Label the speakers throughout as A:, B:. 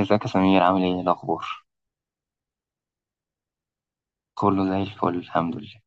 A: ازيك يا سمير؟ عامل ايه؟ إيه الاخبار؟ كله زي الفل، الحمد لله.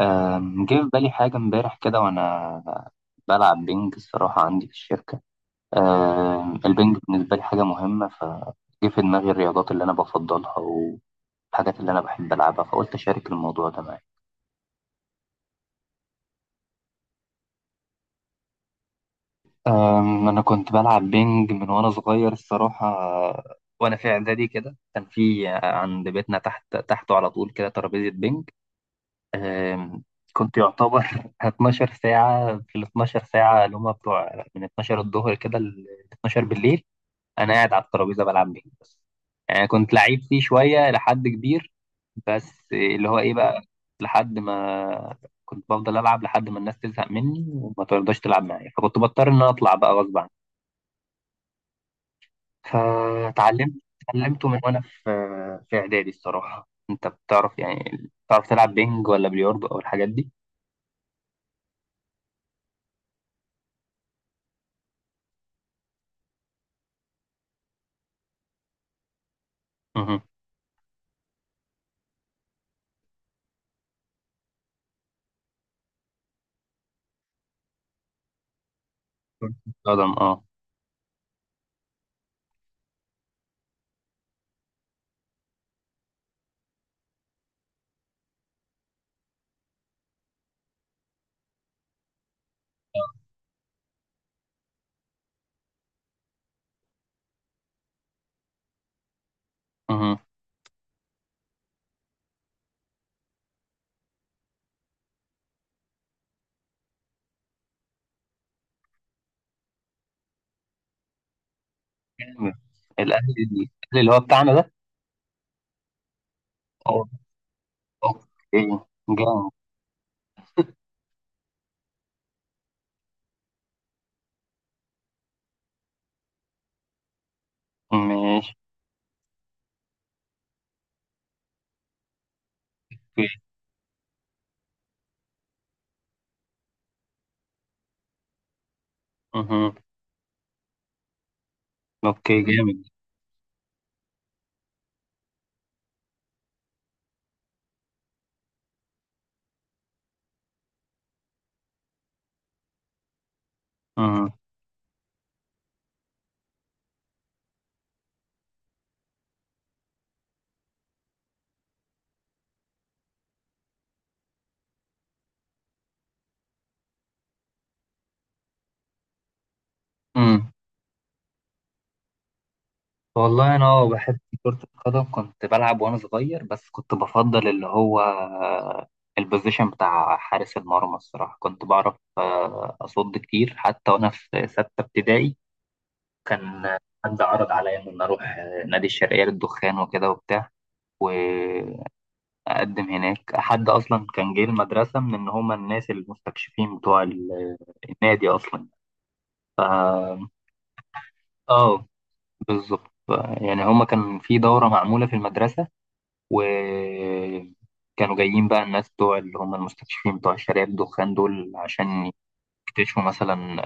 A: جه في بالي حاجه امبارح كده وانا بلعب بينج الصراحه عندي في الشركه. البينج بالنسبه لي حاجه مهمه، فجه في دماغي الرياضات اللي انا بفضلها والحاجات اللي انا بحب العبها، فقلت اشارك الموضوع ده معاك. انا كنت بلعب بينج من وانا صغير الصراحه. وانا في اعدادي كده، كان في عند بيتنا تحت تحته على طول كده ترابيزه بينج. آم، كنت يعتبر 12 ساعة، في ال 12 ساعة اللي هما بتوع من 12 الظهر كده ل 12 بالليل أنا قاعد على الترابيزة بلعب بيه. بس يعني كنت لعيب فيه شوية لحد كبير. بس اللي هو إيه بقى، لحد ما كنت بفضل ألعب لحد ما الناس تزهق مني وما ترضاش تلعب معايا، فكنت بضطر إن أنا أطلع بقى غصب عني. فتعلمت، اتعلمته من وأنا في في إعدادي الصراحة. أنت بتعرف يعني بتعرف تلعب بينج ولا بلياردو أو الحاجات دي؟ كرة القدم، اه. مهم. جامد. الاهلي، الاهلي اللي هو بتاعنا ده. اه، اوكي، جامد. ماشي. اوكي. مهم. اوكي، جامد. مهم. مم. والله انا بحب كرة القدم، كنت بلعب وانا صغير. بس كنت بفضل اللي هو البوزيشن بتاع حارس المرمى الصراحة، كنت بعرف أصد كتير حتى وأنا في ستة ابتدائي. كان حد عرض عليا إن أنا أروح نادي الشرقية للدخان وكده وبتاع، اقدم هناك. حد اصلا كان جاي المدرسه من ان هما الناس المستكشفين بتوع النادي اصلا. اه، بالظبط. يعني هما كان في دورة معمولة في المدرسة، وكانوا جايين بقى الناس بتوع اللي هما المستكشفين بتوع شارع الدخان دول عشان يكتشفوا مثلا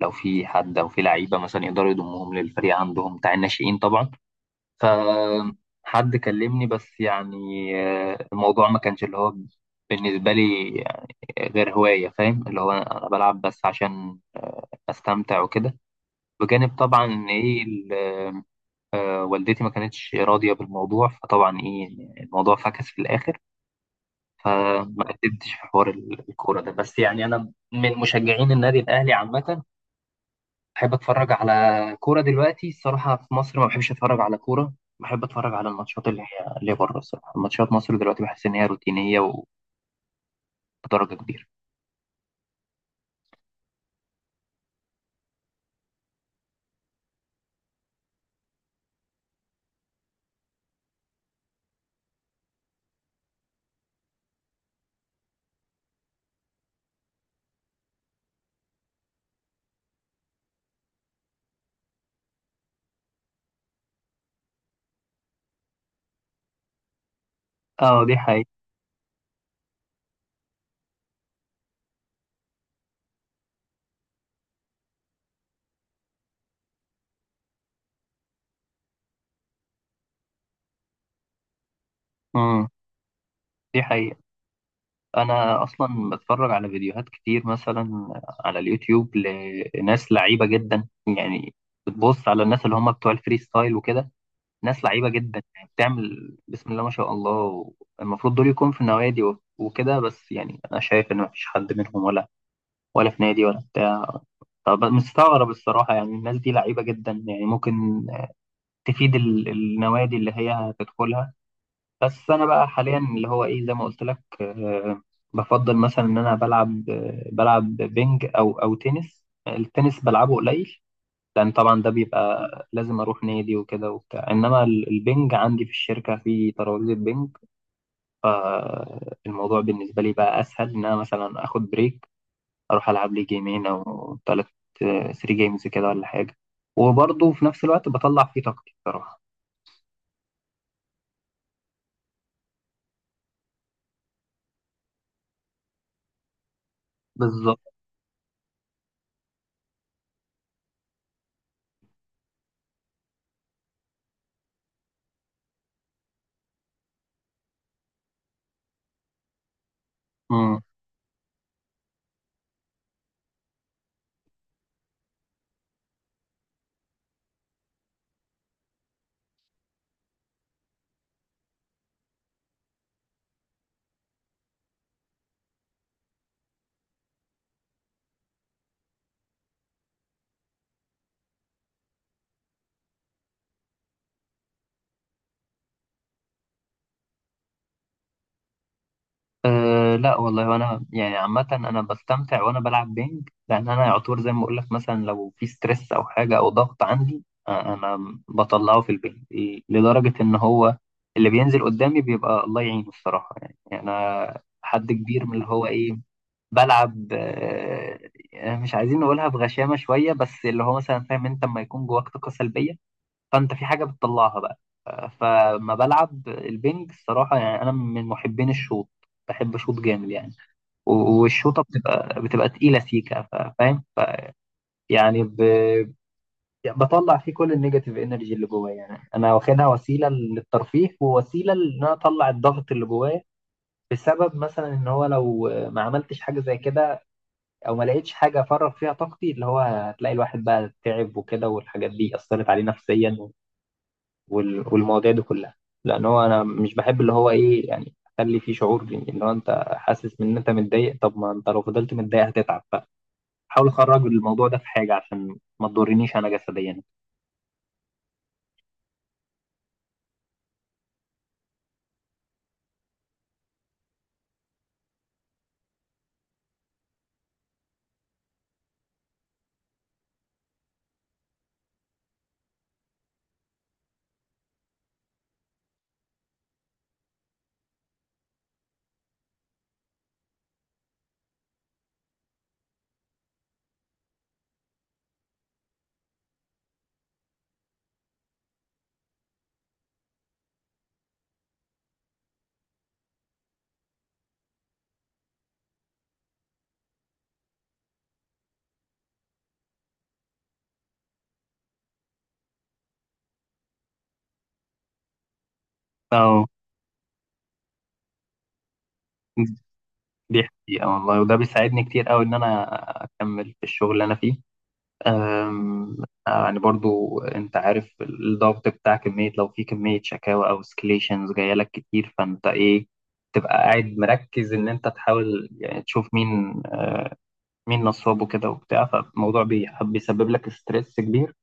A: لو في حد أو في لعيبة مثلا يقدروا يضموهم للفريق عندهم بتاع الناشئين طبعا. فحد كلمني بس يعني، الموضوع ما كانش اللي هو بالنسبة لي غير هواية. فاهم؟ اللي هو أنا بلعب بس عشان أستمتع وكده، بجانب طبعا إن إيه والدتي ما كانتش راضية بالموضوع. فطبعا إيه، الموضوع فكس في الآخر، فما قدمتش في حوار الكورة ده. بس يعني أنا من مشجعين النادي الأهلي عامة، بحب أتفرج على كورة. دلوقتي الصراحة في مصر ما بحبش أتفرج على كورة، بحب أتفرج على الماتشات اللي هي اللي بره. الصراحة ماتشات مصر دلوقتي بحس إن هي روتينية وبدرجة كبيرة. اه، دي حقيقة. امم، دي حقيقة. انا اصلا بتفرج على فيديوهات كتير مثلا على اليوتيوب لناس لعيبه جدا. يعني بتبص على الناس اللي هم بتوع الفري ستايل وكده، ناس لعيبه جدا يعني، بتعمل بسم الله ما شاء الله. المفروض دول يكون في النوادي وكده. بس يعني انا شايف ان مفيش حد منهم ولا ولا في نادي ولا بتاع. طب مستغرب الصراحه. يعني الناس دي لعيبه جدا، يعني ممكن تفيد النوادي اللي هي هتدخلها. بس انا بقى حاليا اللي هو ايه، زي ما قلت لك، بفضل مثلا ان انا بلعب، بلعب بينج او او تنس. التنس بلعبه قليل لان طبعا ده بيبقى لازم اروح نادي وكده وبتاع. انما البينج عندي في الشركه في ترابيزه بينج، فالموضوع بالنسبه لي بقى اسهل ان انا مثلا اخد بريك، اروح العب لي جيمين او ثلاث، 3 جيمز كده ولا حاجه. وبرضه في نفس الوقت بطلع فيه طاقتي بصراحه. بالظبط. أه لا والله، وانا يعني عامة انا بستمتع وانا بلعب بينج، لان انا يعتبر زي ما اقول لك مثلا لو في ستريس او حاجة او ضغط عندي، انا بطلعه في البينج. لدرجة ان هو اللي بينزل قدامي بيبقى الله يعينه الصراحة. يعني انا حد كبير من اللي هو ايه، بلعب أه، مش عايزين نقولها بغشامة شوية. بس اللي هو مثلا، فاهم؟ انت لما يكون جواك طاقة سلبية، فانت في حاجه بتطلعها بقى. فما بلعب البنج الصراحه، يعني انا من محبين الشوط، بحب شوط جامد يعني. والشوطه بتبقى تقيله سيكه. فاهم؟ ف يعني ب، يعني بطلع فيه كل النيجاتيف انرجي اللي جوايا. يعني انا واخدها وسيله للترفيه، ووسيله ان انا اطلع الضغط اللي جوايا، بسبب مثلا ان هو لو ما عملتش حاجه زي كده او ما لقيتش حاجه افرغ فيها طاقتي، اللي هو هتلاقي الواحد بقى تعب وكده، والحاجات دي اثرت عليه نفسيا، والمواضيع دي كلها. لان هو انا مش بحب اللي هو ايه، يعني اخلي فيه شعور اللي هو انت حاسس ان انت متضايق. طب ما انت لو فضلت متضايق هتتعب، فحاول اخرج الموضوع ده في حاجه عشان ما تضرنيش انا جسديا. اه دي حقيقة والله، وده بيساعدني كتير قوي ان انا اكمل في الشغل اللي انا فيه. أم، يعني برضو انت عارف الضغط بتاع كمية، لو في كمية شكاوى او سكليشنز جاية لك كتير فانت ايه، تبقى قاعد مركز ان انت تحاول يعني تشوف مين نصاب وكده وبتاع. فالموضوع بيسبب لك ستريس كبير،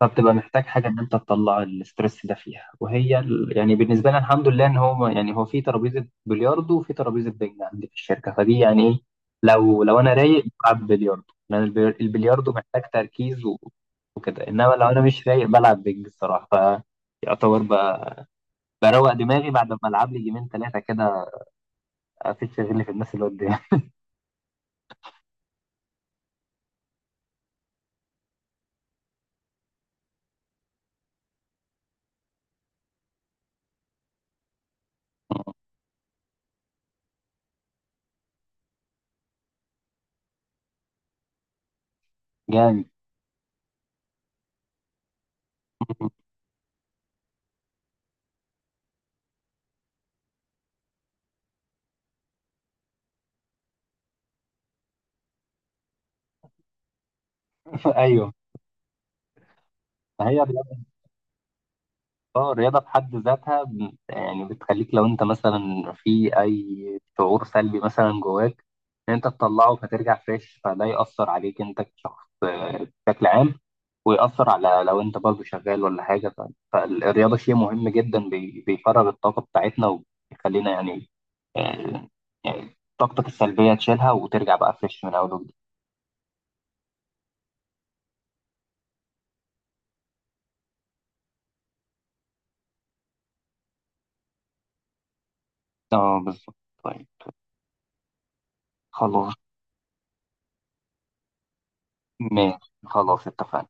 A: فبتبقى محتاج حاجه ان انت تطلع الستريس ده فيها. وهي يعني بالنسبه لنا الحمد لله ان هو يعني هو في ترابيزه بلياردو وفي ترابيزه بينج عندي في الشركه، فدي يعني ايه، لو انا رايق بلعب بلياردو لان البلياردو محتاج تركيز وكده. انما لو انا مش رايق بلعب بينج الصراحه، فيعتبر بروق دماغي بعد ما العب لي جيمين ثلاثه كده، افيد شغلي في الناس اللي قدامي. جامد. ايوه. فهي اه، الرياضة في حد ذاتها يعني بتخليك لو انت مثلا في اي شعور سلبي مثلا جواك ان انت تطلعه، فترجع فريش. فده يأثر عليك انت كشخص بشكل عام، ويأثر على لو انت برضه شغال ولا حاجة. فالرياضة شيء مهم جدا، بيفرغ الطاقة بتاعتنا وبيخلينا يعني، آه، يعني طاقتك السلبية تشيلها وترجع بقى فريش من اول وجديد. اه بالظبط. طيب. خلاص. ماشي. خلاص اتفقنا.